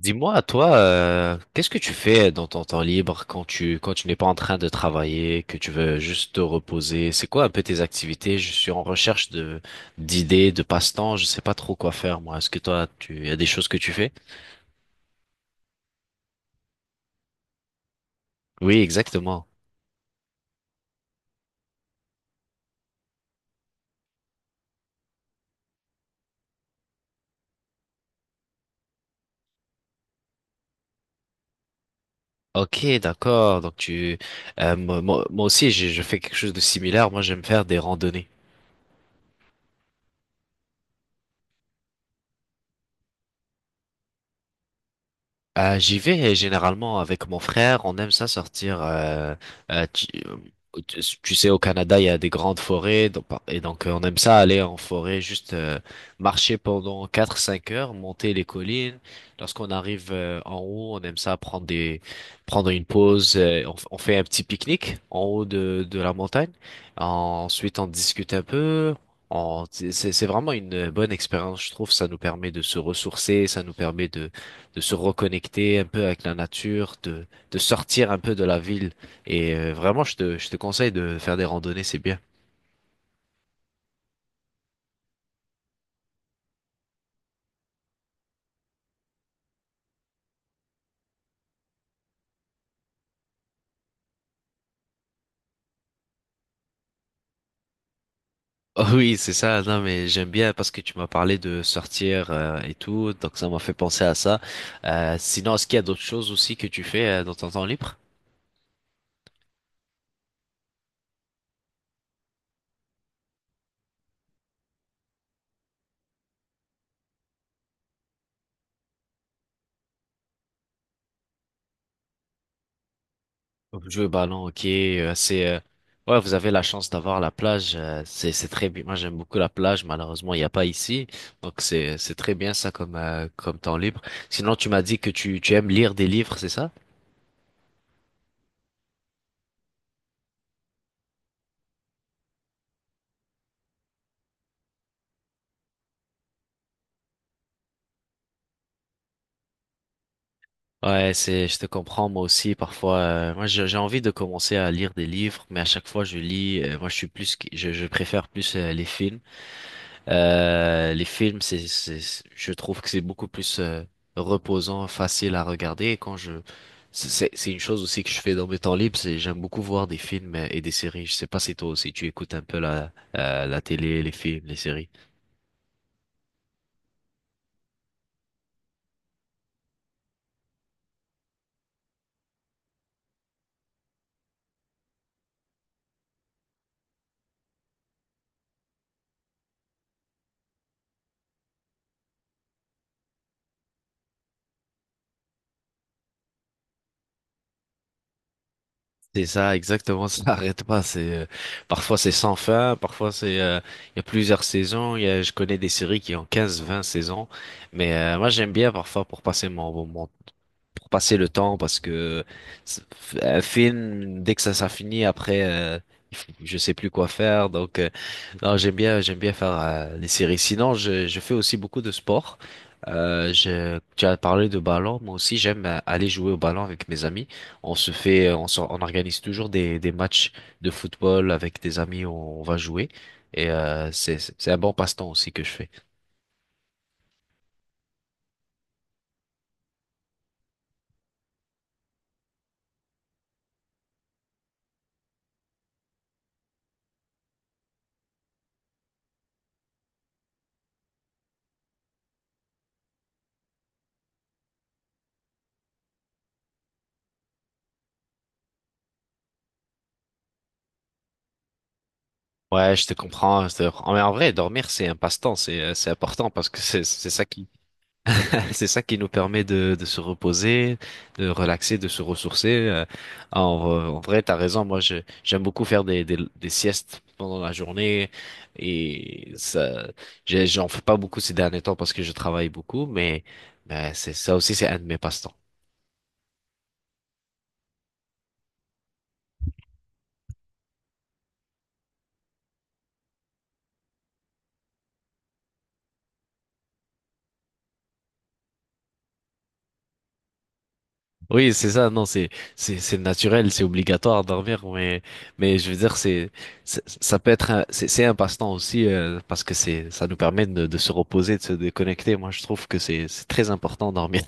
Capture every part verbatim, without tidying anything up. Dis-moi, toi, euh, qu'est-ce que tu fais dans ton temps libre quand tu quand tu n'es pas en train de travailler, que tu veux juste te reposer? C'est quoi un peu tes activités? Je suis en recherche de d'idées, de passe-temps. Je sais pas trop quoi faire, moi. Est-ce que toi, tu y a des choses que tu fais? Oui, exactement. Ok, d'accord. Donc tu, euh, moi, moi moi aussi, je, je fais quelque chose de similaire. Moi, j'aime faire des randonnées. Euh, j'y vais généralement avec mon frère. On aime ça sortir. euh, euh, tu, euh, tu- tu sais, au Canada, il y a des grandes forêts. donc- Et donc, euh, on aime ça aller en forêt, juste euh, marcher pendant quatre cinq heures, monter les collines. Lorsqu'on arrive euh, en haut, on aime ça prendre des, prendre une pause. Euh, on, f- on fait un petit pique-nique en haut de, de la montagne. Ensuite, on discute un peu. On- c'est c'est vraiment une bonne expérience, je trouve. Ça nous permet de se ressourcer, ça nous permet de de se reconnecter un peu avec la nature, de, de sortir un peu de la ville. Et euh, vraiment, je te, je te conseille de faire des randonnées, c'est bien. Oh oui, c'est ça. Non, mais j'aime bien parce que tu m'as parlé de sortir euh, et tout, donc ça m'a fait penser à ça. Euh, sinon, est-ce qu'il y a d'autres choses aussi que tu fais euh, dans ton temps libre? Jouer au ballon, ok, euh, c'est euh, ouais, vous avez la chance d'avoir la plage, euh, c'est c'est très bien. Moi, j'aime beaucoup la plage, malheureusement, il n'y a pas ici. Donc c'est c'est très bien ça comme euh, comme temps libre. Sinon, tu m'as dit que tu tu aimes lire des livres, c'est ça? Ouais, c'est je te comprends, moi aussi parfois euh, moi j'ai j'ai envie de commencer à lire des livres, mais à chaque fois je lis euh, moi je suis plus qui- je je préfère plus euh, les films. Euh, les films, c'est, c'est, c'est- je trouve que c'est beaucoup plus euh, reposant, facile à regarder. Et quand je, c'est, c'est c'est une chose aussi que je fais dans mes temps libres, c'est j'aime beaucoup voir des films et des séries. Je sais pas si toi aussi tu écoutes un peu la, euh, la télé, les films, les séries. C'est ça, exactement, ça n'arrête pas. C'est euh, Parfois c'est sans fin, parfois c'est euh, il y a plusieurs saisons. Il y a, je connais des séries qui ont quinze, vingt saisons, mais euh, moi j'aime bien parfois pour passer mon, mon pour passer le temps parce que c'est- un film, dès que ça, ça finit, après, euh, il faut- je sais plus quoi faire. Donc, euh, non, j'aime bien, j'aime bien faire euh, les séries. Sinon, je, je fais aussi beaucoup de sport. Euh, je, tu as parlé de ballon, moi aussi j'aime euh, aller jouer au ballon avec mes amis. On se fait, on, s'or- On organise toujours des, des matchs de football avec des amis, on, on va jouer et euh, c'est c'est un bon passe-temps aussi que je fais. Ouais, je te comprends. Je te comprends. Mais en vrai, dormir, c'est un passe-temps, c'est euh, c'est important parce que c'est c'est ça qui c'est ça qui nous permet de de se reposer, de relaxer, de se ressourcer. euh. Ah, en vrai, en vrai, t'as raison. Moi, je J'aime beaucoup faire des, des des siestes pendant la journée et ça, j'ai- j'en fais pas beaucoup ces derniers temps parce que je travaille beaucoup, mais mais c'est ça aussi, c'est un de mes passe-temps. Oui, c'est ça, non, c'est, c'est, c'est naturel, c'est obligatoire de dormir, mais, mais je veux dire, c'est, c'est- ça peut être un, c'est, c'est un passe-temps aussi, euh, parce que c'est, ça nous permet de, de se reposer, de se déconnecter. Moi, je trouve que c'est, c'est très important de dormir.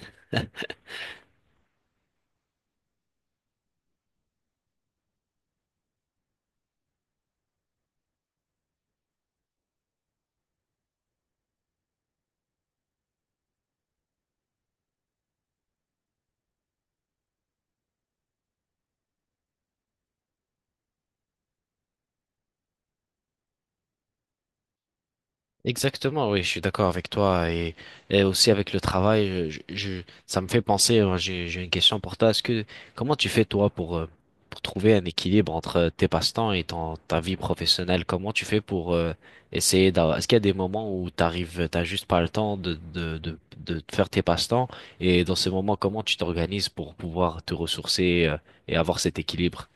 Exactement, oui, je suis d'accord avec toi et, et aussi avec le travail, je, je- ça me fait penser, euh, j'ai, j'ai une question pour toi. Est-ce que, comment tu fais toi pour, euh, pour trouver un équilibre entre euh, tes passe-temps et ton, ta vie professionnelle? Comment tu fais pour euh, essayer d'avoir, est-ce qu'il y a des moments où t'arrives, t'as juste pas le temps de, de, de, de faire tes passe-temps et dans ces moments, comment tu t'organises pour pouvoir te ressourcer euh, et avoir cet équilibre?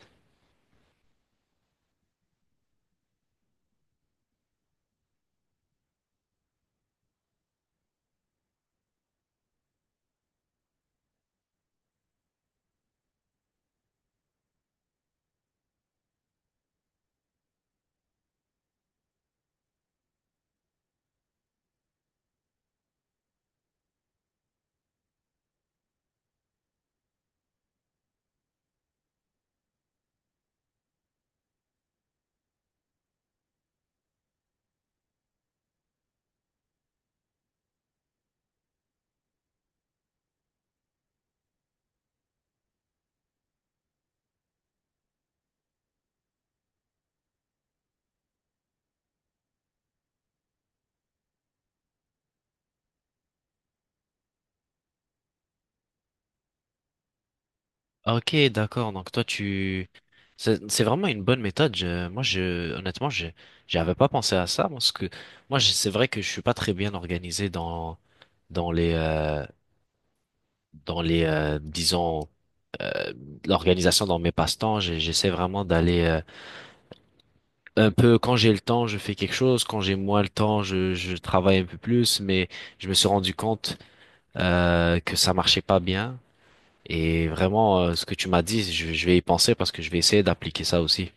Ah, ok, d'accord. Donc toi, tu... C'est c'est vraiment une bonne méthode. Je- moi, je, honnêtement, je, j'avais pas pensé à ça parce que moi, je- c'est vrai que je suis pas très bien organisé dans dans les euh, dans les euh, disons euh, l'organisation dans mes passe-temps. J'ai- J'essaie vraiment d'aller euh, un peu quand j'ai le temps, je fais quelque chose. Quand j'ai moins le temps, je je travaille un peu plus. Mais je me suis rendu compte euh, que ça marchait pas bien. Et vraiment, euh, ce que tu m'as dit, je je vais y penser parce que je vais essayer d'appliquer ça aussi.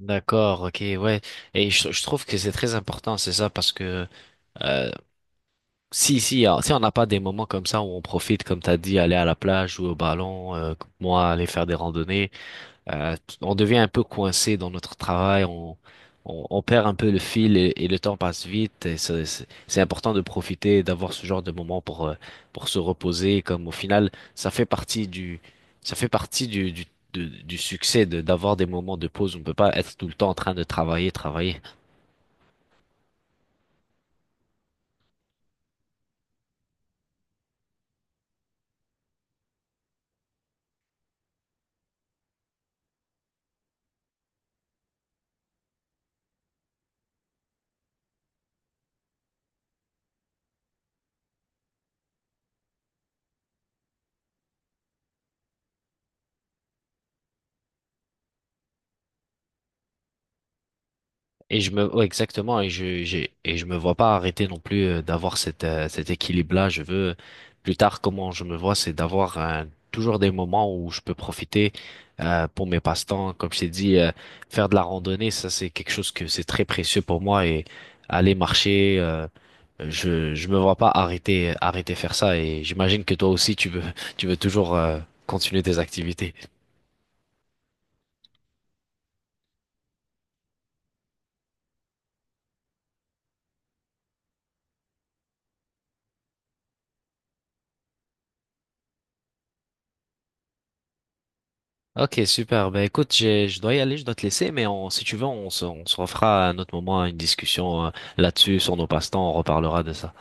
D'accord, ok, ouais. Et je, je trouve que c'est très important, c'est ça, parce que euh, si si euh, si on n'a pas des moments comme ça où on profite, comme t'as dit, aller à la plage, jouer au ballon, euh, moi aller faire des randonnées, euh, t- on devient un peu coincé dans notre travail, on, on, on perd un peu le fil et, et le temps passe vite. et ça- C'est c'est important de profiter, d'avoir ce genre de moment pour, euh, pour se reposer, comme au final, ça fait partie du, ça fait partie du, du, de- du succès de, d'avoir des moments de pause. On ne peut pas être tout le temps en train de travailler, travailler. Et je me, ouais, exactement, et je, j'ai, et je me vois pas arrêter non plus euh, d'avoir cette, euh, cet équilibre-là. Je veux, plus tard, comment je me vois, c'est d'avoir euh, toujours des moments où je peux profiter euh, pour mes passe-temps. Comme je t'ai dit, euh, faire de la randonnée, ça, c'est quelque chose que c'est très précieux pour moi et aller marcher, euh, je, je me vois pas arrêter, arrêter faire ça. Et j'imagine que toi aussi, tu veux, tu veux toujours euh, continuer tes activités. Ok, super. Ben écoute, j'ai- je dois y aller, je dois te laisser, mais on, si tu veux, on se, on se refera à un autre moment une discussion euh, là-dessus sur nos passe-temps, on reparlera de ça.